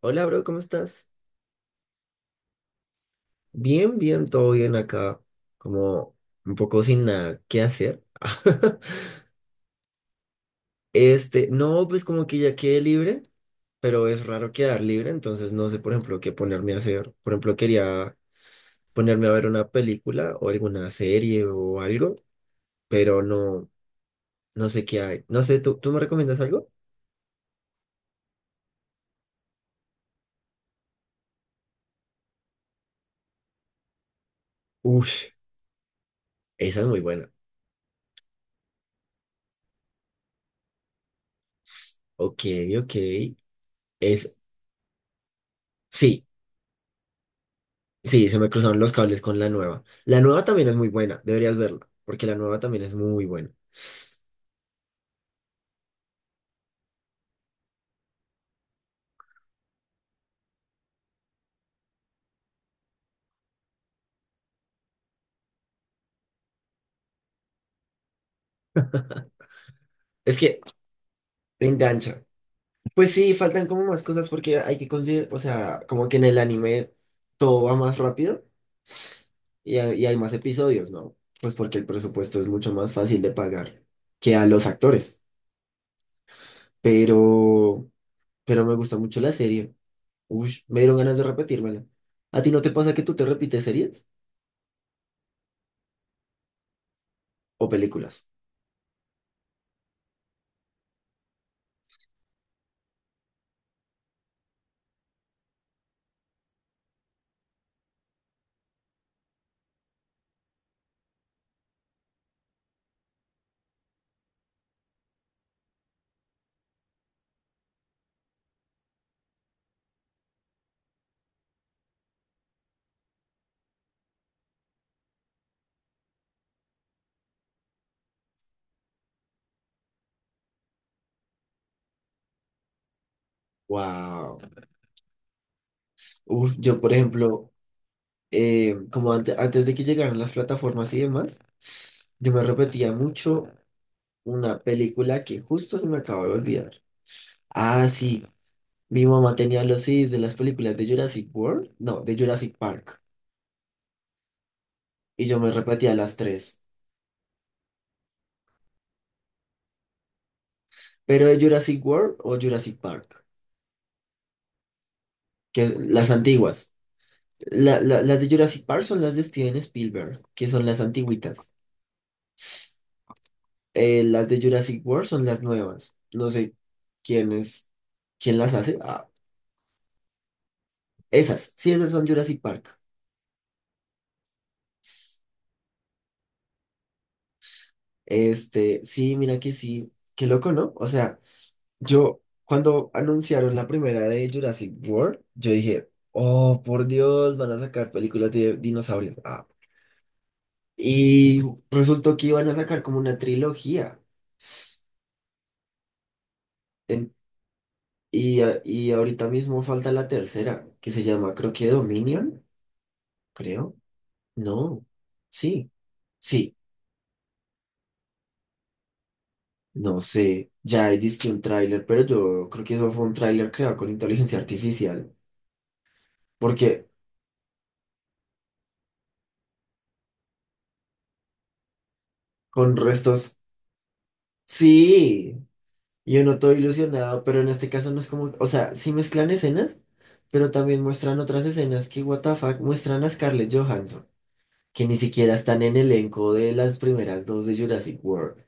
Hola, bro, ¿cómo estás? Bien, bien, todo bien acá. Como un poco sin nada que hacer. No, pues como que ya quedé libre, pero es raro quedar libre, entonces no sé, por ejemplo, qué ponerme a hacer. Por ejemplo, quería ponerme a ver una película o alguna serie o algo, pero no, no sé qué hay. No sé, ¿tú me recomiendas algo? Uy, esa es muy buena. Ok, ok. Es, sí. Sí, se me cruzaron los cables con la nueva. La nueva también es muy buena, deberías verla, porque la nueva también es muy buena. Es que engancha. Pues sí, faltan como más cosas porque hay que conseguir, o sea, como que en el anime todo va más rápido y y hay más episodios, ¿no? Pues porque el presupuesto es mucho más fácil de pagar que a los actores. Pero, pero me gustó mucho la serie. Uy, me dieron ganas de repetírmela. ¿A ti no te pasa que tú te repites series o películas? Wow. Uf, yo, por ejemplo, como antes de que llegaran las plataformas y demás, yo me repetía mucho una película que justo se me acaba de olvidar. Ah, sí, mi mamá tenía los CDs de las películas de Jurassic World, no, de Jurassic Park, y yo me repetía las tres, pero de Jurassic World o Jurassic Park, que las antiguas. Las de Jurassic Park son las de Steven Spielberg, que son las antiguitas. Las de Jurassic World son las nuevas. No sé quién es, quién las hace. Ah, esas, sí, esas son Jurassic Park. Sí, mira que sí, qué loco, ¿no? O sea, yo cuando anunciaron la primera de Jurassic World, yo dije, oh, por Dios, van a sacar películas de dinosaurios. Ah. Y resultó que iban a sacar como una trilogía. En- y ahorita mismo falta la tercera, que se llama, creo que Dominion, creo. No, sí. Sí, no sé, ya hay disque un tráiler, pero yo creo que eso fue un tráiler creado con inteligencia artificial, porque con restos, sí, yo no estoy ilusionado, pero en este caso no es como, o sea, sí mezclan escenas, pero también muestran otras escenas que, what the fuck, muestran a Scarlett Johansson, que ni siquiera están en el elenco de las primeras dos de Jurassic World,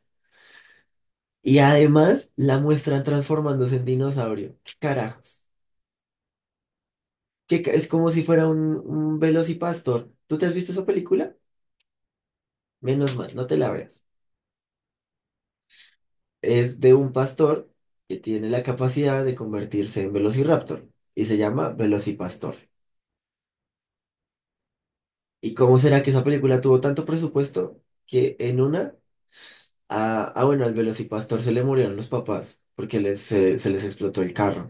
y además la muestran transformándose en dinosaurio, ¿qué carajos? Que es como si fuera un velocipastor, ¿tú te has visto esa película? Menos mal, no te la veas. Es de un pastor que tiene la capacidad de convertirse en Velociraptor y se llama Velocipastor. ¿Y cómo será que esa película tuvo tanto presupuesto que en una, bueno, al Velocipastor se le murieron los papás porque se les explotó el carro?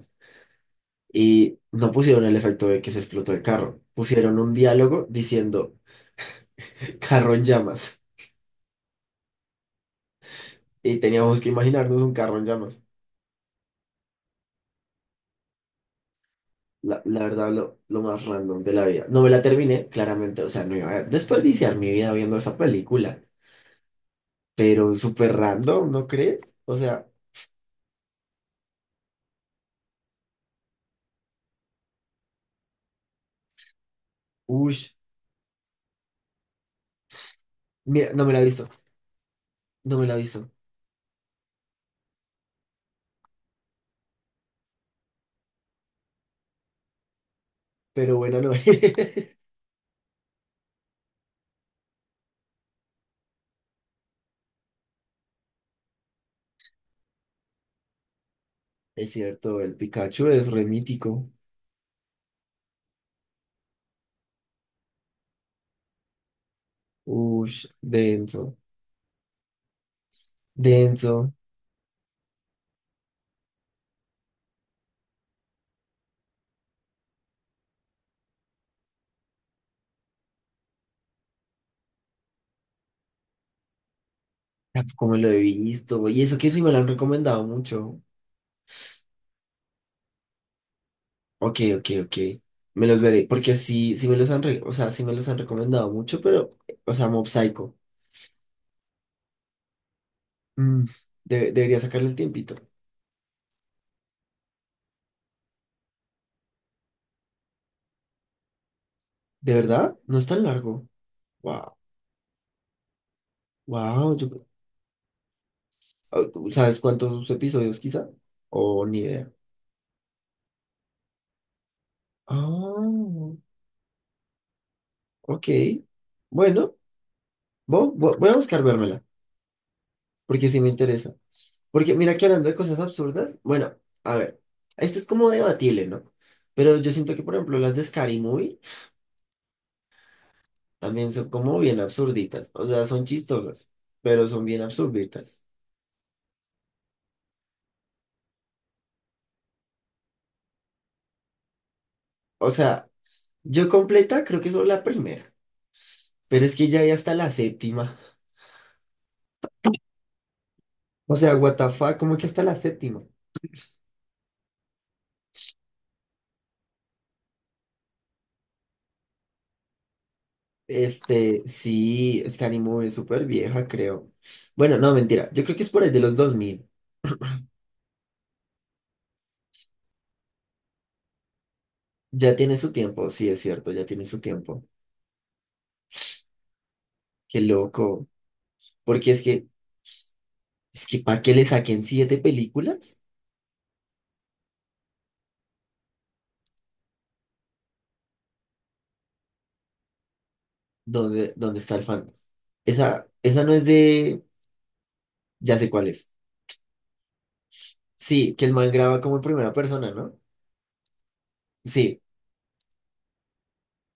Y no pusieron el efecto de que se explotó el carro, pusieron un diálogo diciendo carro en llamas. Y teníamos que imaginarnos un carro en llamas. La verdad, lo más random de la vida. No me la terminé, claramente. O sea, no iba a desperdiciar mi vida viendo esa película. Pero súper random, ¿no crees? O sea, uff. Mira, no me la he visto. No me la he visto. Pero bueno, no. Es cierto, el Pikachu es remítico. Uff, denso. Denso. Tampoco me lo he visto. Y eso que sí me lo han recomendado mucho. Ok, ok, ok. Me los veré. Porque sí, sí me los han, re- o sea, sí me los han recomendado mucho, pero, o sea, Mob Psycho. Mm, debería sacarle el tiempito. ¿De verdad? No es tan largo. Wow. Wow. Ah, ¿Sabes cuántos episodios quizá? O ni idea. Ah, ok. Bueno, voy a buscar vérmela, porque sí me interesa. Porque mira que hablando de cosas absurdas, bueno, a ver, esto es como debatible, ¿no? Pero yo siento que, por ejemplo, las de Scary Movie también son como bien absurditas. O sea, son chistosas, pero son bien absurditas. O sea, yo completa creo que es la primera. Pero es que ya hay hasta la séptima. O sea, what the fuck, ¿cómo que hasta la séptima? Sí, Scary Movie es súper vieja, creo. Bueno, no, mentira. Yo creo que es por ahí de los 2000. Ya tiene su tiempo, sí, es cierto, ya tiene su tiempo. Qué loco. Porque es que ¿para qué le saquen siete películas? ¿Dónde está el fan? Esa no es de... Ya sé cuál es. Sí, que el man graba como en primera persona, ¿no? Sí.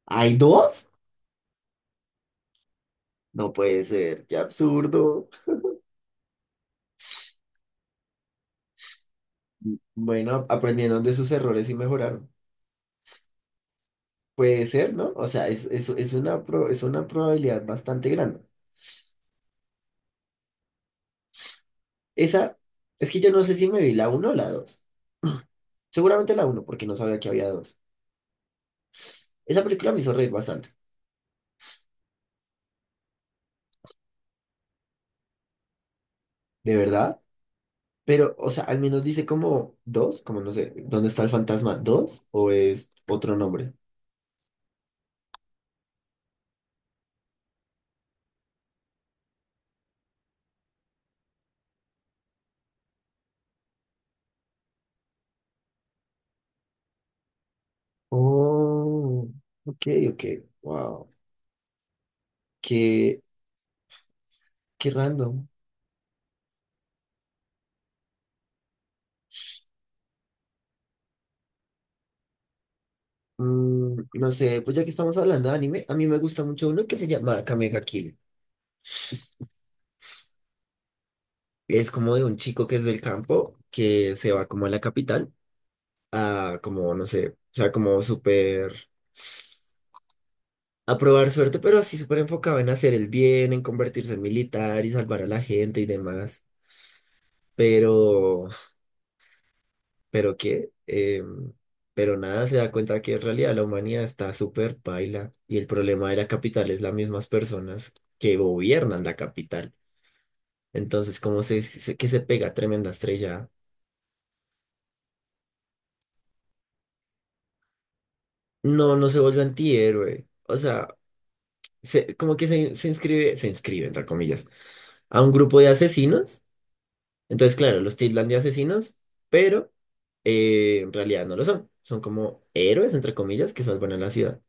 ¿Hay dos? No puede ser, qué absurdo. Bueno, aprendieron de sus errores y mejoraron. Puede ser, ¿no? O sea, es una, es una probabilidad bastante grande. Esa, es que yo no sé si me vi la uno o la 2. Seguramente la uno, porque no sabía que había dos. Esa película me hizo reír bastante, de verdad. Pero, o sea, al menos dice como dos, como no sé, ¿dónde está el fantasma? ¿Dos? ¿O es otro nombre? Oh, ok, ok. Wow. Qué, qué random. Mm, no sé, pues ya que estamos hablando de anime, a mí me gusta mucho uno que se llama Kamega Kill. Es como de un chico que es del campo, que se va como a la capital, a como, no sé, o sea, como súper a probar suerte, pero así súper enfocado en hacer el bien, en convertirse en militar y salvar a la gente y demás. Pero, ¿Pero qué? Pero nada, se da cuenta que en realidad la humanidad está súper paila y el problema de la capital es las mismas personas que gobiernan la capital. Entonces, como que se pega tremenda estrella, no, no se vuelve antihéroe. O sea, como que se inscribe, entre comillas, a un grupo de asesinos. Entonces, claro, los tildan de asesinos, pero en realidad no lo son. Son como héroes, entre comillas, que salvan a la ciudad.